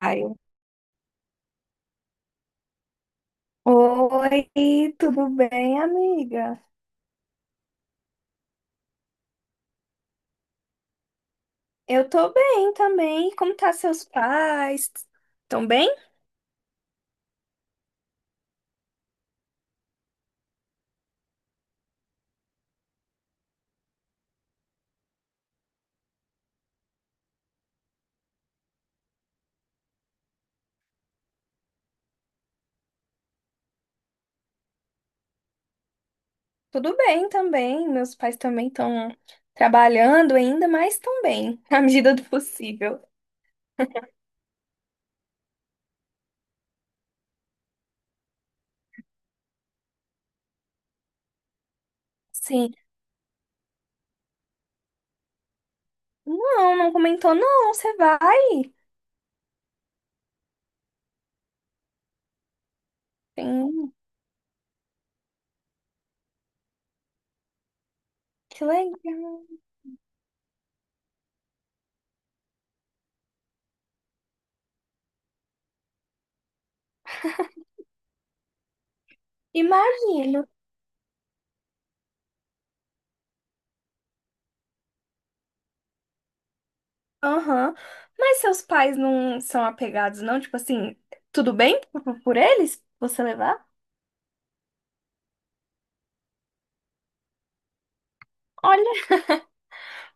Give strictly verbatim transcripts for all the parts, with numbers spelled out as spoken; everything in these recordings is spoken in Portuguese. Ai. Oi, tudo bem, amiga? Eu tô bem também. Como tá seus pais? Tão bem? Tudo bem também. Meus pais também estão trabalhando ainda, mas estão bem, na medida do possível. Sim. Não, não comentou, não. Você vai? Sim, que legal. Imagino. Aham. Mas seus pais não são apegados, não? Tipo assim, tudo bem por por eles? Você levar?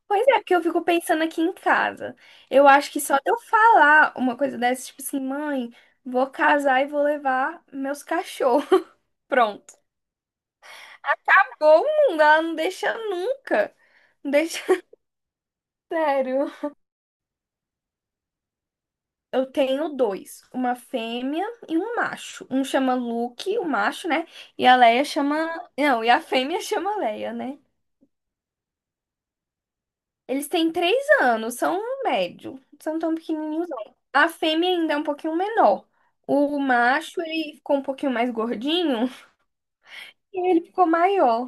Pois é, porque eu fico pensando aqui em casa. Eu acho que só de eu falar uma coisa dessa, tipo assim, mãe, vou casar e vou levar meus cachorros. Pronto. Acabou o mundo, ela não deixa nunca. Não deixa. Sério. Eu tenho dois, uma fêmea e um macho. Um chama Luke, o macho, né? E a Leia chama. Não, e a fêmea chama Leia, né? Eles têm três anos, são um médio, são tão pequenininhos. Não. A fêmea ainda é um pouquinho menor. O macho, ele ficou um pouquinho mais gordinho e ele ficou maior.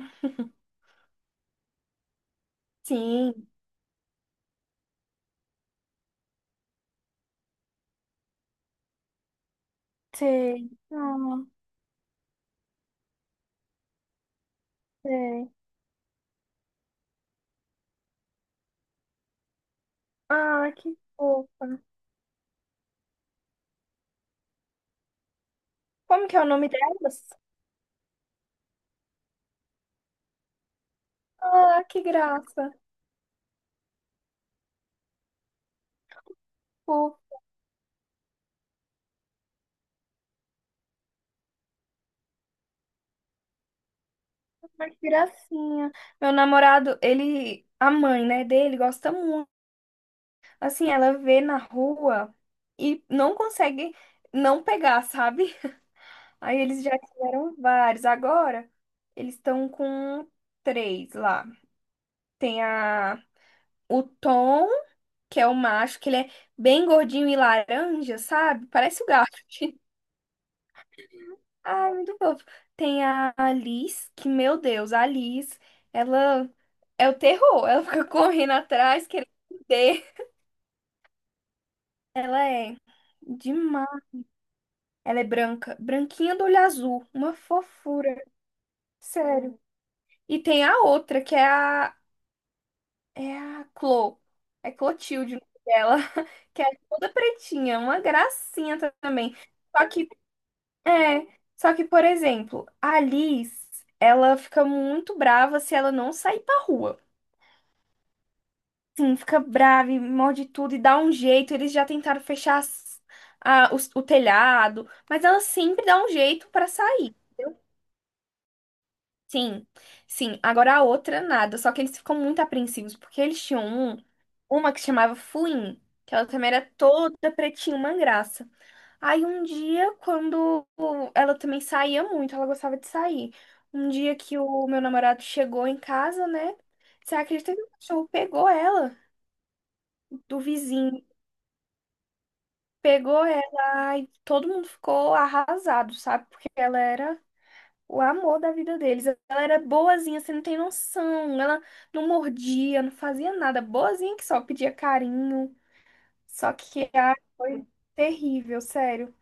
Sim, sei. Ah, sei. Ah, que fofa. Como que é o nome delas? Ah, que graça. Fofa, mas que gracinha. Meu namorado, ele, a mãe, né, dele gosta muito. Assim, ela vê na rua e não consegue não pegar, sabe? Aí eles já tiveram vários. Agora eles estão com três lá. Tem a o Tom, que é o macho, que ele é bem gordinho e laranja, sabe? Parece o gato. Ai, muito fofo. Tem a Alice, que, meu Deus, a Alice, ela é o terror. Ela fica correndo atrás, querendo morder. Ela é demais. Ela é branca, branquinha do olho azul, uma fofura, sério. E tem a outra, que é a É a Clo. É Clotilde o nome dela. Que é toda pretinha, uma gracinha também. Só que, é, só que, por exemplo, a Alice, ela fica muito brava se ela não sair pra rua. Sim, fica brava e morde tudo e dá um jeito. Eles já tentaram fechar as- a- os- o telhado, mas ela sempre dá um jeito pra sair. Sim, sim. Agora a outra, nada. Só que eles ficam muito apreensivos, porque eles tinham um, uma que chamava Fuin, que ela também era toda pretinha, uma graça. Aí um dia, quando ela também saía muito, ela gostava de sair. Um dia que o meu namorado chegou em casa, né? Você acredita que o cachorro pegou ela, do vizinho, pegou ela, e todo mundo ficou arrasado, sabe? Porque ela era o amor da vida deles. Ela era boazinha, você não tem noção. Ela não mordia, não fazia nada. Boazinha que só pedia carinho. Só que ai, foi terrível, sério.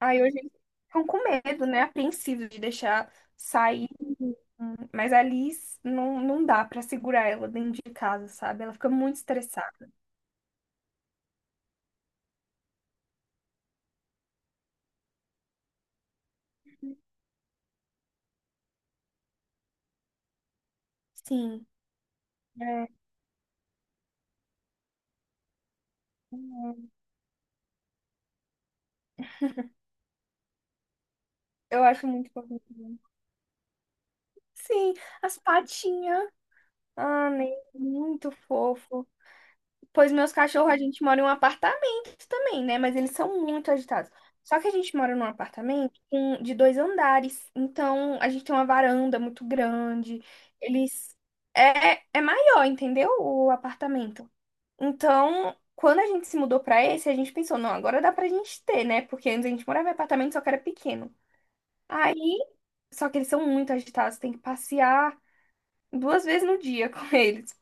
Aí hoje eles ficam com medo, né? Apreensivos de deixar sair. Mas a Alice não, não dá pra segurar ela dentro de casa, sabe? Ela fica muito estressada. Sim. É, eu acho muito fofo. Sim, as patinhas. Ah, né? Muito fofo. Pois meus cachorros, a gente mora em um apartamento também, né? Mas eles são muito agitados. Só que a gente mora num apartamento com- de dois andares. Então, a gente tem uma varanda muito grande. Eles. É, é maior, entendeu? O apartamento. Então, quando a gente se mudou pra esse, a gente pensou, não, agora dá pra gente ter, né? Porque antes a gente morava em apartamento, só que era pequeno. Aí, só que eles são muito agitados, tem que passear duas vezes no dia com eles.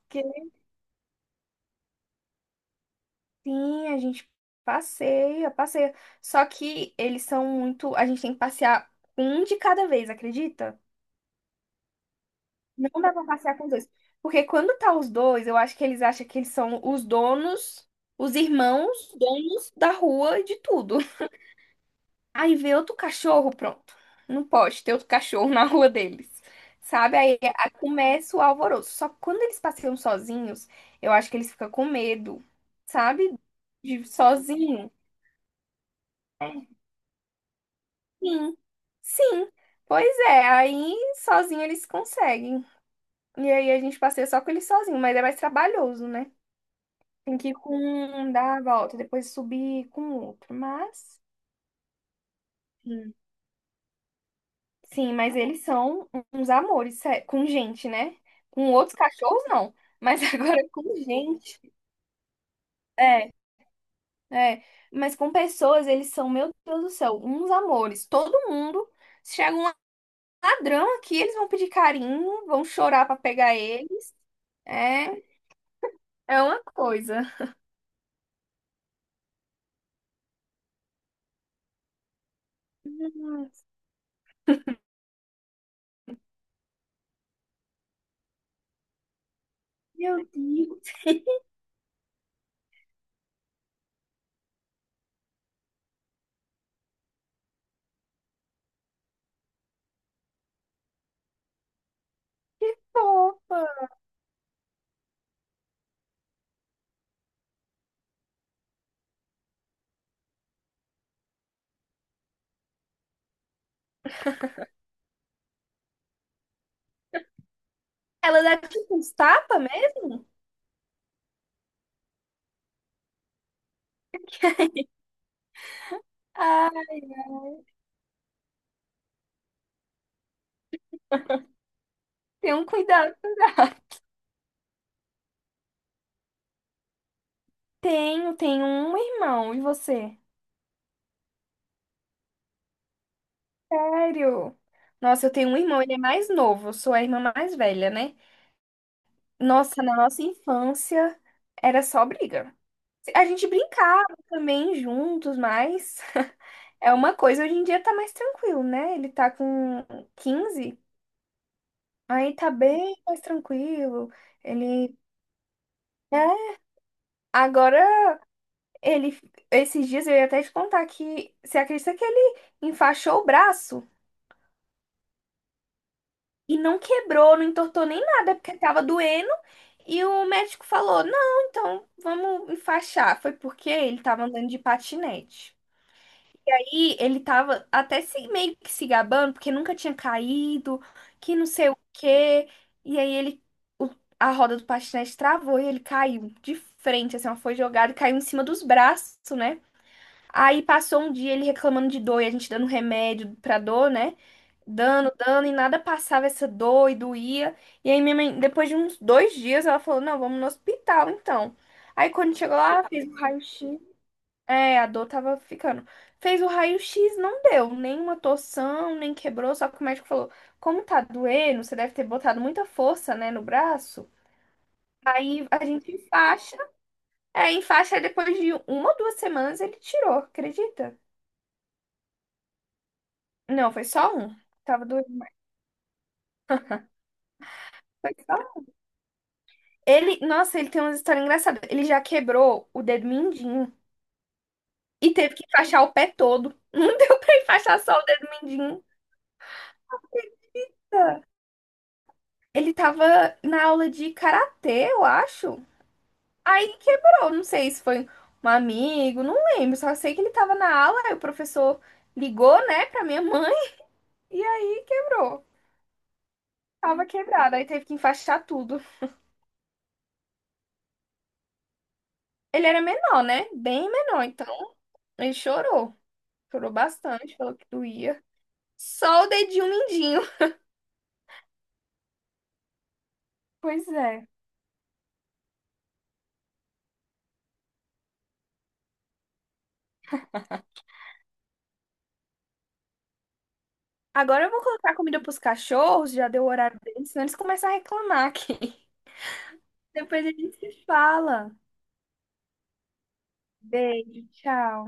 Sim, a gente passeia, passeia. Só que eles são muito. A gente tem que passear um de cada vez, acredita? Não dá pra passear com os dois. Porque quando tá os dois, eu acho que eles acham que eles são os donos, os irmãos, donos da rua e de tudo. Aí vê outro cachorro, pronto. Não pode ter outro cachorro na rua deles. Sabe? Aí, aí começa o alvoroço. Só que quando eles passeiam sozinhos, eu acho que eles ficam com medo, sabe? De sozinho. Sim, sim. Pois é, aí sozinho eles conseguem. E aí a gente passeia só com ele sozinho, mas é mais trabalhoso, né? Tem que ir com um, dar a volta, depois subir com o outro. Mas, sim, sim, mas eles são uns amores, sé- com gente, né? Com outros cachorros, não. Mas agora com gente. É, é. Mas com pessoas, eles são, meu Deus do céu, uns amores. Todo mundo. Se chega um ladrão aqui, eles vão pedir carinho, vão chorar pra pegar eles. É. É uma coisa. Ah, meu Deus, que fofa. Ela dá tipo uns tapas mesmo? Ai, tem um cuidado pra dar. Tenho, tenho um irmão. E você? Sério? Nossa, eu tenho um irmão, ele é mais novo. Eu sou a irmã mais velha, né? Nossa, na nossa infância era só briga. A gente brincava também juntos, mas é uma coisa. Hoje em dia tá mais tranquilo, né? Ele tá com quinze. Aí tá bem mais tranquilo. Ele. É. Agora, ele. Esses dias eu ia até te contar que. Você acredita que ele enfaixou o braço e não quebrou, não entortou nem nada, porque tava doendo. E o médico falou: não, então vamos enfaixar. Foi porque ele tava andando de patinete. E ele tava até se, meio que se gabando, porque nunca tinha caído, que não sei o quê. E aí ele, o- a roda do patinete travou e ele caiu de frente, assim, ela foi jogada e caiu em cima dos braços, né? Aí passou um dia ele reclamando de dor e a gente dando remédio pra dor, né? Dando, dando, e nada passava essa dor e doía. E aí minha mãe, depois de uns dois dias, ela falou, não, vamos no hospital, então. Aí quando chegou lá, fez o raio-x, é, a dor tava ficando. Fez o raio-x, não deu nenhuma torção, nem quebrou, só que o médico falou: como tá doendo, você deve ter botado muita força, né, no braço. Aí a gente enfaixa, é, enfaixa, aí depois de uma ou duas semanas ele tirou, acredita? Não, foi só um. Tava doendo. Foi só um. Ele, nossa, ele tem uma história engraçada. Ele já quebrou o dedo mindinho e teve que enfaixar o pé todo. Não deu pra enfaixar só o dedo mindinho. Ele tava na aula de karatê, eu acho. Aí quebrou, não sei se foi um amigo, não lembro, só sei que ele tava na aula, aí o professor ligou, né, pra minha mãe, e aí quebrou. Tava quebrado, aí teve que enfaixar tudo. Ele era menor, né? Bem menor, então ele chorou. Chorou bastante, falou que doía. Só o dedinho mindinho. Pois é. Agora eu vou colocar comida pros cachorros, já deu o horário deles, senão eles começam a reclamar aqui. Depois a gente se fala. Beijo, tchau.